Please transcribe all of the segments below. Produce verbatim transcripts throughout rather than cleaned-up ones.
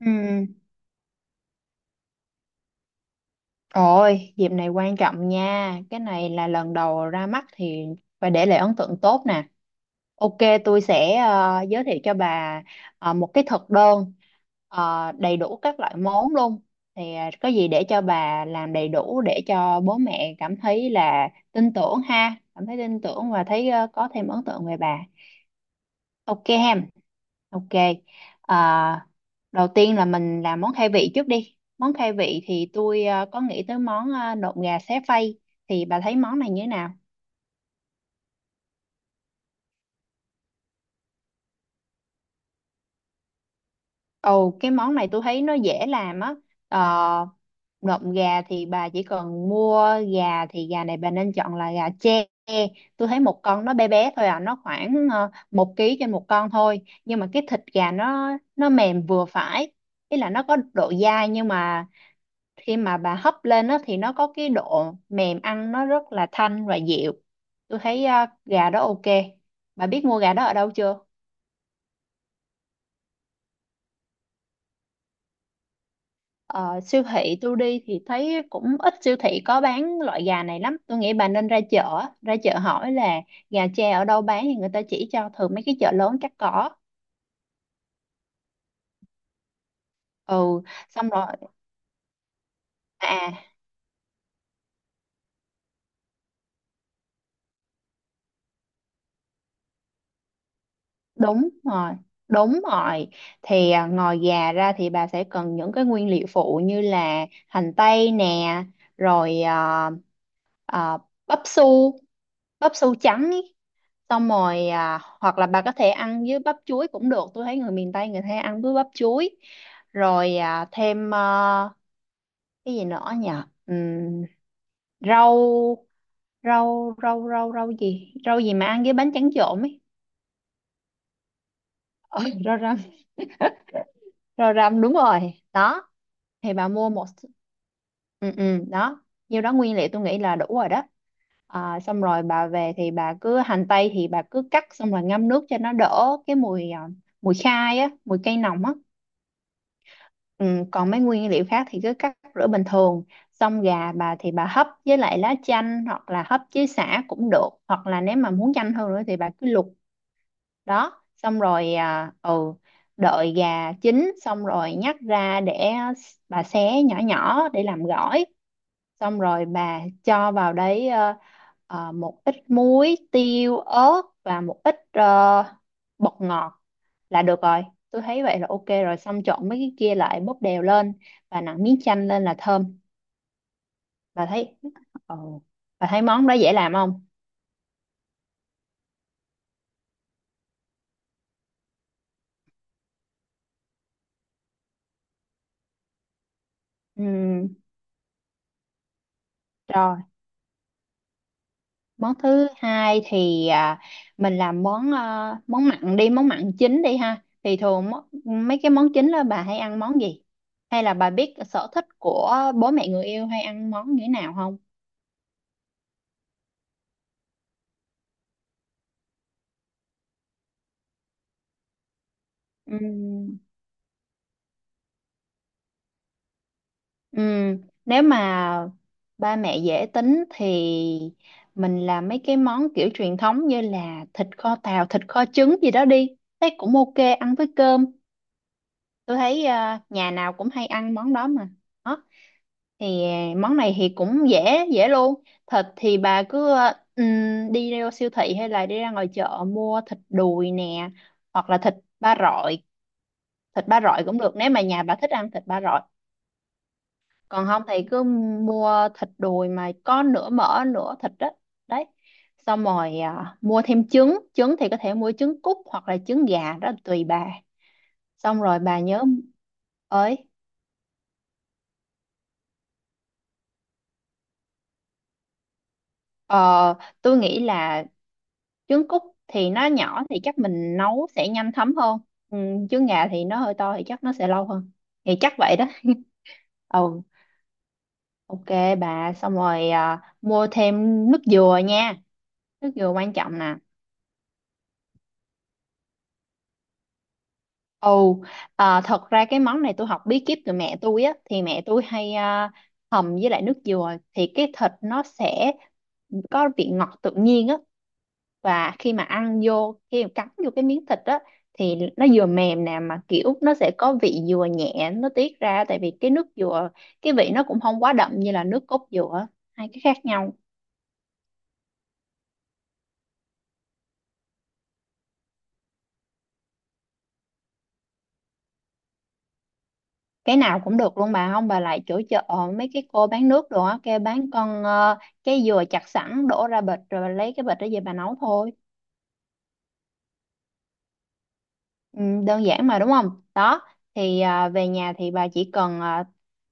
Ừ. Ôi, dịp này quan trọng nha. Cái này là lần đầu ra mắt thì phải để lại ấn tượng tốt nè. Ok, tôi sẽ ờ, giới thiệu cho bà ờ, một cái thực đơn ờ, đầy đủ các loại món luôn. Thì ờ, có gì để cho bà làm đầy đủ để cho bố mẹ cảm thấy là tin tưởng ha, cảm thấy tin tưởng và thấy ờ, có thêm ấn tượng về bà. Ok ha. Ok. À, đầu tiên là mình làm món khai vị trước đi. Món khai vị thì tôi ờ, có nghĩ tới món ờ, nộm gà xé phay. Thì bà thấy món này như thế nào? Ồ, cái món này tôi thấy nó dễ làm á. Ờ, nộm gà thì bà chỉ cần mua gà, thì gà này bà nên chọn là gà tre. Tôi thấy một con nó bé bé thôi à, nó khoảng uh, một ký trên một con thôi. Nhưng mà cái thịt gà nó nó mềm vừa phải. Ý là nó có độ dai nhưng mà khi mà bà hấp lên á thì nó có cái độ mềm, ăn nó rất là thanh và dịu. Tôi thấy à, gà đó ok. Bà biết mua gà đó ở đâu chưa? Ờ, siêu thị tôi đi thì thấy cũng ít siêu thị có bán loại gà này lắm, tôi nghĩ bà nên ra chợ, ra chợ hỏi là gà tre ở đâu bán thì người ta chỉ cho, thường mấy cái chợ lớn chắc có. Ừ, xong rồi à. Đúng rồi, đúng rồi. Thì à, ngoài gà ra thì bà sẽ cần những cái nguyên liệu phụ như là hành tây nè, rồi à, à, bắp su, bắp su trắng ý. Xong rồi à, hoặc là bà có thể ăn với bắp chuối cũng được. Tôi thấy người miền Tây người ta ăn với bắp chuối. Rồi à, thêm à, cái gì nữa nhỉ? Ừm, rau rau rau rau rau gì? Rau gì mà ăn với bánh tráng trộn ấy. Ờ, rau răm. Rồi rằm đúng rồi đó, thì bà mua một, ừ ừ đó, nhiêu đó nguyên liệu tôi nghĩ là đủ rồi đó. À, xong rồi bà về thì bà cứ hành tây thì bà cứ cắt xong rồi ngâm nước cho nó đỡ cái mùi à, mùi khai á, mùi cây nồng á. Ừ, còn mấy nguyên liệu khác thì cứ cắt rửa bình thường. Xong gà bà thì bà hấp với lại lá chanh hoặc là hấp với sả cũng được, hoặc là nếu mà muốn nhanh hơn nữa thì bà cứ luộc. Đó, xong rồi à, ừ, đợi gà chín xong rồi nhắc ra để bà xé nhỏ nhỏ để làm gỏi. Xong rồi bà cho vào đấy ờ, ờ, một ít muối tiêu ớt và một ít ờ, bột ngọt là được rồi. Tôi thấy vậy là ok rồi, xong trộn mấy cái kia lại bóp đều lên và nặn miếng chanh lên là thơm. Bà thấy. Ừ. Bà thấy món đó dễ làm không? Ừ. Rồi món thứ hai thì à, mình làm món à, món mặn đi, món mặn chính đi ha. Thì thường mó- mấy cái món chính đó bà hay ăn món gì, hay là bà biết sở thích của bố mẹ người yêu hay ăn món như thế nào không? Ừm, ừm, nếu mà ba mẹ dễ tính thì mình làm mấy cái món kiểu truyền thống như là thịt kho tàu, thịt kho trứng gì đó đi. Thấy cũng ok, ăn với cơm. Tôi thấy à, nhà nào cũng hay ăn món đó mà. Thì à, món này thì cũng dễ dễ luôn. Thịt thì bà cứ ờ, ừm, đi ra siêu thị hay là đi ra ngoài chợ mua thịt đùi nè, hoặc là thịt ba rọi. Thịt ba rọi cũng được nếu mà nhà bà thích ăn thịt ba rọi, còn không thì cứ mua thịt đùi mà có nửa mỡ nửa thịt đó. Đấy, xong rồi à, mua thêm trứng. Trứng thì có thể mua trứng cút hoặc là trứng gà, đó là tùy bà. Xong rồi bà nhớ ơi, ờ, tôi nghĩ là trứng cút thì nó nhỏ thì chắc mình nấu sẽ nhanh thấm hơn. Ừ, trứng gà thì nó hơi to thì chắc nó sẽ lâu hơn, thì chắc vậy đó ừ, ok. Bà xong rồi à, mua thêm nước dừa nha, nước dừa quan trọng nè. Ồ, à, thật ra cái món này tôi học bí kíp từ mẹ tôi á, thì mẹ tôi hay à, hầm với lại nước dừa thì cái thịt nó sẽ có vị ngọt tự nhiên á. Và khi mà ăn vô, khi mà cắn vô cái miếng thịt á thì nó vừa mềm nè mà kiểu nó sẽ có vị dừa nhẹ nó tiết ra, tại vì cái nước dừa cái vị nó cũng không quá đậm như là nước cốt dừa, hai cái khác nhau. Cái nào cũng được luôn bà, không bà lại chỗ chợ mấy cái cô bán nước đồ á, kêu bán con ờ, cái dừa chặt sẵn đổ ra bịch, rồi bà lấy cái bịch đó về bà nấu thôi. Ừ, đơn giản mà đúng không? Đó, thì à, về nhà thì bà chỉ cần à,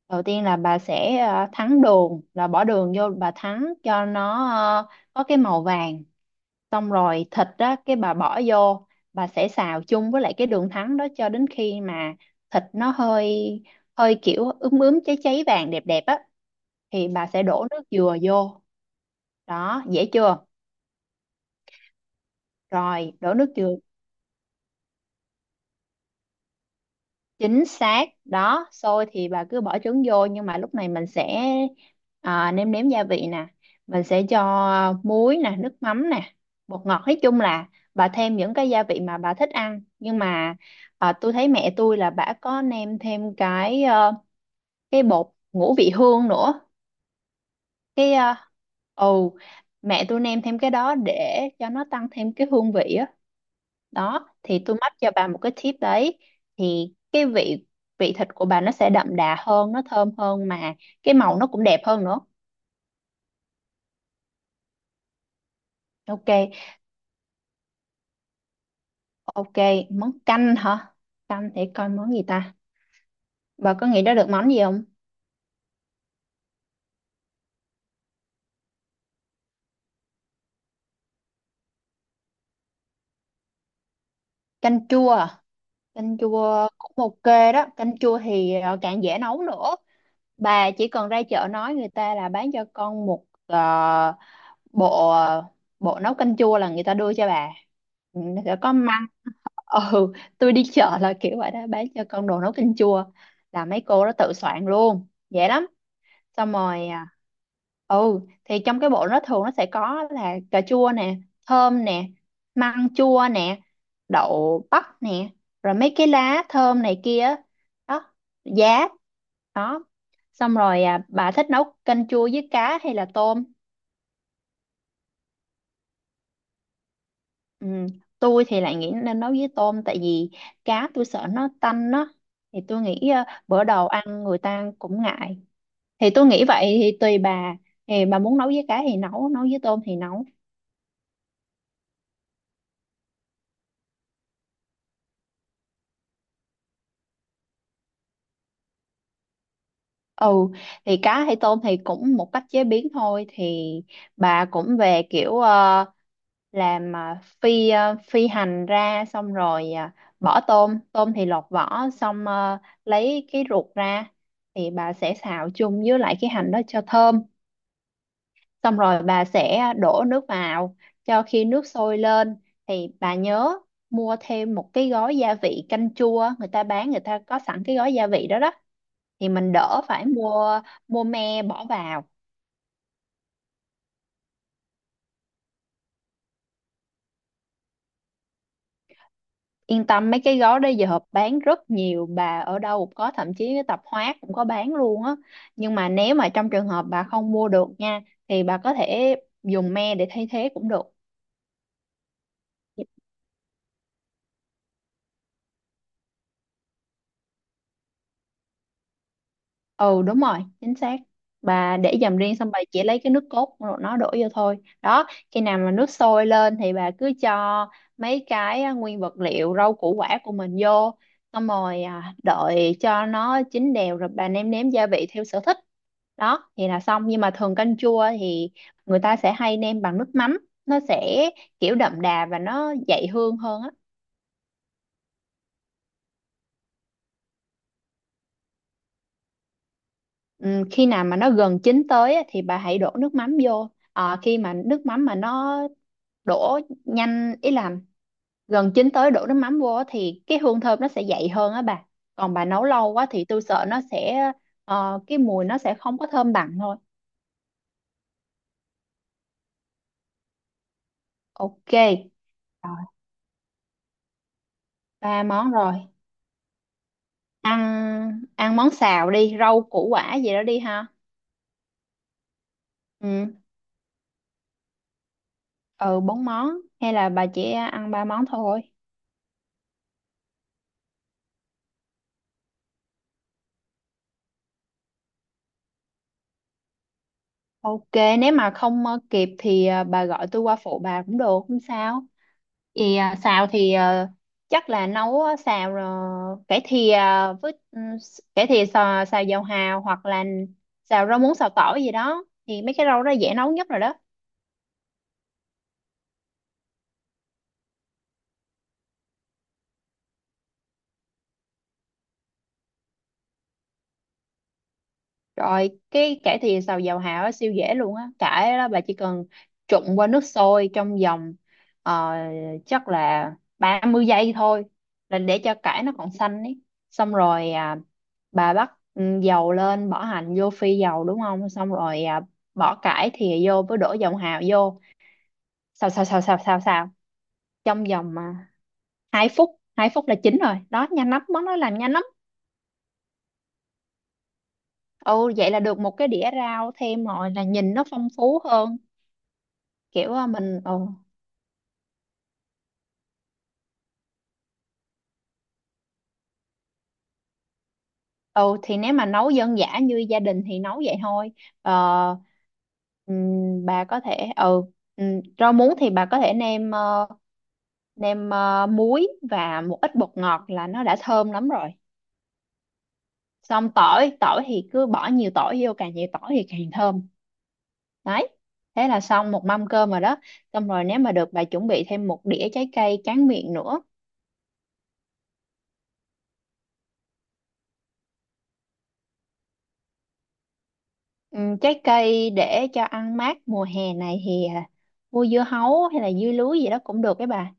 đầu tiên là bà sẽ à, thắng đường, là bỏ đường vô bà thắng cho nó ờ, có cái màu vàng. Xong rồi thịt đó cái bà bỏ vô, bà sẽ xào chung với lại cái đường thắng đó cho đến khi mà thịt nó hơi hơi kiểu ướm ướm cháy cháy vàng đẹp đẹp á thì bà sẽ đổ nước dừa vô. Đó, dễ chưa? Rồi, đổ nước dừa. Chính xác đó, xôi thì bà cứ bỏ trứng vô, nhưng mà lúc này mình sẽ à, nêm nếm gia vị nè, mình sẽ cho muối nè, nước mắm nè, bột ngọt, nói chung là bà thêm những cái gia vị mà bà thích ăn. Nhưng mà à, tôi thấy mẹ tôi là bà có nêm thêm cái ờ, cái bột ngũ vị hương nữa. Cái ờ, ồ, mẹ tôi nêm thêm cái đó để cho nó tăng thêm cái hương vị á. Đó thì tôi mách cho bà một cái tip đấy, thì cái vị, vị thịt của bà nó sẽ đậm đà hơn, nó thơm hơn, mà cái màu nó cũng đẹp hơn nữa. Ok. Ok. Món canh hả? Canh để coi món gì ta. Bà có nghĩ ra được món gì không? Canh chua à? Canh chua cũng ok đó, canh chua thì ờ, càng dễ nấu nữa. Bà chỉ cần ra chợ nói người ta là bán cho con một ờ, bộ ờ, bộ nấu canh chua là người ta đưa cho bà. Ừ, nó sẽ có măng ừ, tôi đi chợ là kiểu vậy đó, bán cho con đồ nấu canh chua là mấy cô đó tự soạn luôn, dễ lắm. Xong rồi à, ừ, thì trong cái bộ nó thường nó sẽ có là cà chua nè, thơm nè, măng chua nè, đậu bắp nè, rồi mấy cái lá thơm này kia, đó, giá, đó. Xong rồi à, bà thích nấu canh chua với cá hay là tôm? Ừ, tôi thì lại nghĩ nên nấu với tôm, tại vì cá tôi sợ nó tanh đó. Thì tôi nghĩ ờ, bữa đầu ăn người ta cũng ngại, thì tôi nghĩ vậy, thì tùy bà, thì bà muốn nấu với cá thì nấu, nấu với tôm thì nấu. Ừ, thì cá hay tôm thì cũng một cách chế biến thôi. Thì bà cũng về kiểu ờ, làm ờ, phi ờ, phi hành ra, xong rồi ờ, bỏ tôm. Tôm thì lột vỏ xong ờ, lấy cái ruột ra, thì bà sẽ xào chung với lại cái hành đó cho thơm. Xong rồi bà sẽ đổ nước vào, cho khi nước sôi lên thì bà nhớ mua thêm một cái gói gia vị canh chua, người ta bán, người ta có sẵn cái gói gia vị đó đó thì mình đỡ phải mua. Mua me bỏ vào. Yên tâm, mấy cái gói đó giờ bán rất nhiều bà, ở đâu cũng có, thậm chí cái tạp hóa cũng có bán luôn á. Nhưng mà nếu mà trong trường hợp bà không mua được nha, thì bà có thể dùng me để thay thế cũng được. Ừ, đúng rồi, chính xác. Bà để dầm riêng, xong bà chỉ lấy cái nước cốt rồi nó đổ vô thôi. Đó, khi nào mà nước sôi lên thì bà cứ cho mấy cái à, nguyên vật liệu rau củ quả của mình vô, xong rồi à, đợi cho nó chín đều rồi bà nêm nếm gia vị theo sở thích. Đó thì là xong. Nhưng mà thường canh chua thì người ta sẽ hay nêm bằng nước mắm, nó sẽ kiểu đậm đà và nó dậy hương hơn á. Ừ, khi nào mà nó gần chín tới á thì bà hãy đổ nước mắm vô. Ờ, khi mà nước mắm mà nó đổ nhanh, ý là gần chín tới đổ nước mắm vô á thì cái hương thơm nó sẽ dậy hơn á bà. Còn bà nấu lâu quá thì tôi sợ nó sẽ ờ, cái mùi nó sẽ không có thơm bằng thôi. Ok. Rồi, ba món rồi. Ăn, ăn món xào đi, rau củ quả gì đó đi ha. Ừ, ừ bốn món, hay là bà chỉ ăn ba món thôi? Ok, nếu mà không ờ, kịp thì ờ, bà gọi tôi qua phụ bà cũng được, không sao. Vì à, xào thì ờ, chắc là nấu á, xào ờ, cải thìa với ừ, s- cải thìa xào, xào dầu hào, hoặc là xào rau muống, xào tỏi gì đó, thì mấy cái rau đó dễ nấu nhất rồi đó. Rồi cái cải thìa xào dầu hào á, siêu dễ luôn á. Cải đó bà chỉ cần trụng qua nước sôi trong vòng ờ, chắc là ba mươi giây thôi, là để cho cải nó còn xanh ấy. Xong rồi à, bà bắt ừ, dầu lên bỏ hành vô phi dầu đúng không? Xong rồi à, bỏ cải thìa vô với đổ dầu hào vô. Xào xào xào xào xào xào trong vòng à, hai phút, hai phút là chín rồi. Đó nhanh lắm, món đó làm nhanh lắm. Ừ, vậy là được một cái đĩa rau thêm rồi, là nhìn nó phong phú hơn. Kiểu ờ, mình ừ, ừ thì nếu mà nấu dân dã như gia đình thì nấu vậy thôi. Ờ, ừm, bà có thể ừ, ừm, rau muống thì bà có thể nêm ờ, nêm ờ, muối và một ít bột ngọt là nó đã thơm lắm rồi. Xong tỏi, tỏi thì cứ bỏ nhiều tỏi vô, càng nhiều tỏi thì càng thơm. Đấy, thế là xong một mâm cơm rồi đó. Xong rồi nếu mà được bà chuẩn bị thêm một đĩa trái cây tráng miệng nữa. Ừ, trái cây để cho ăn mát mùa hè này thì à, mua dưa hấu hay là dưa lưới gì đó cũng được đấy bà,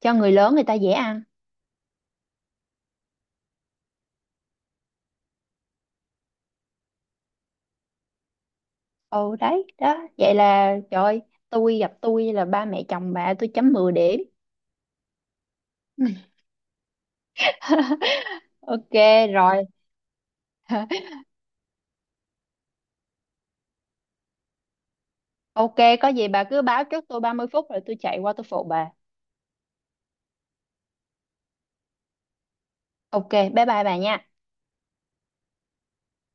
cho người lớn người ta dễ ăn. Ồ đấy đó, vậy là trời ơi, tôi gặp tôi là ba mẹ chồng bà tôi chấm mười điểm ok rồi ok, có gì bà cứ báo trước tôi ba mươi phút rồi tôi chạy qua tôi phụ bà. Ok, bye bye bà nha.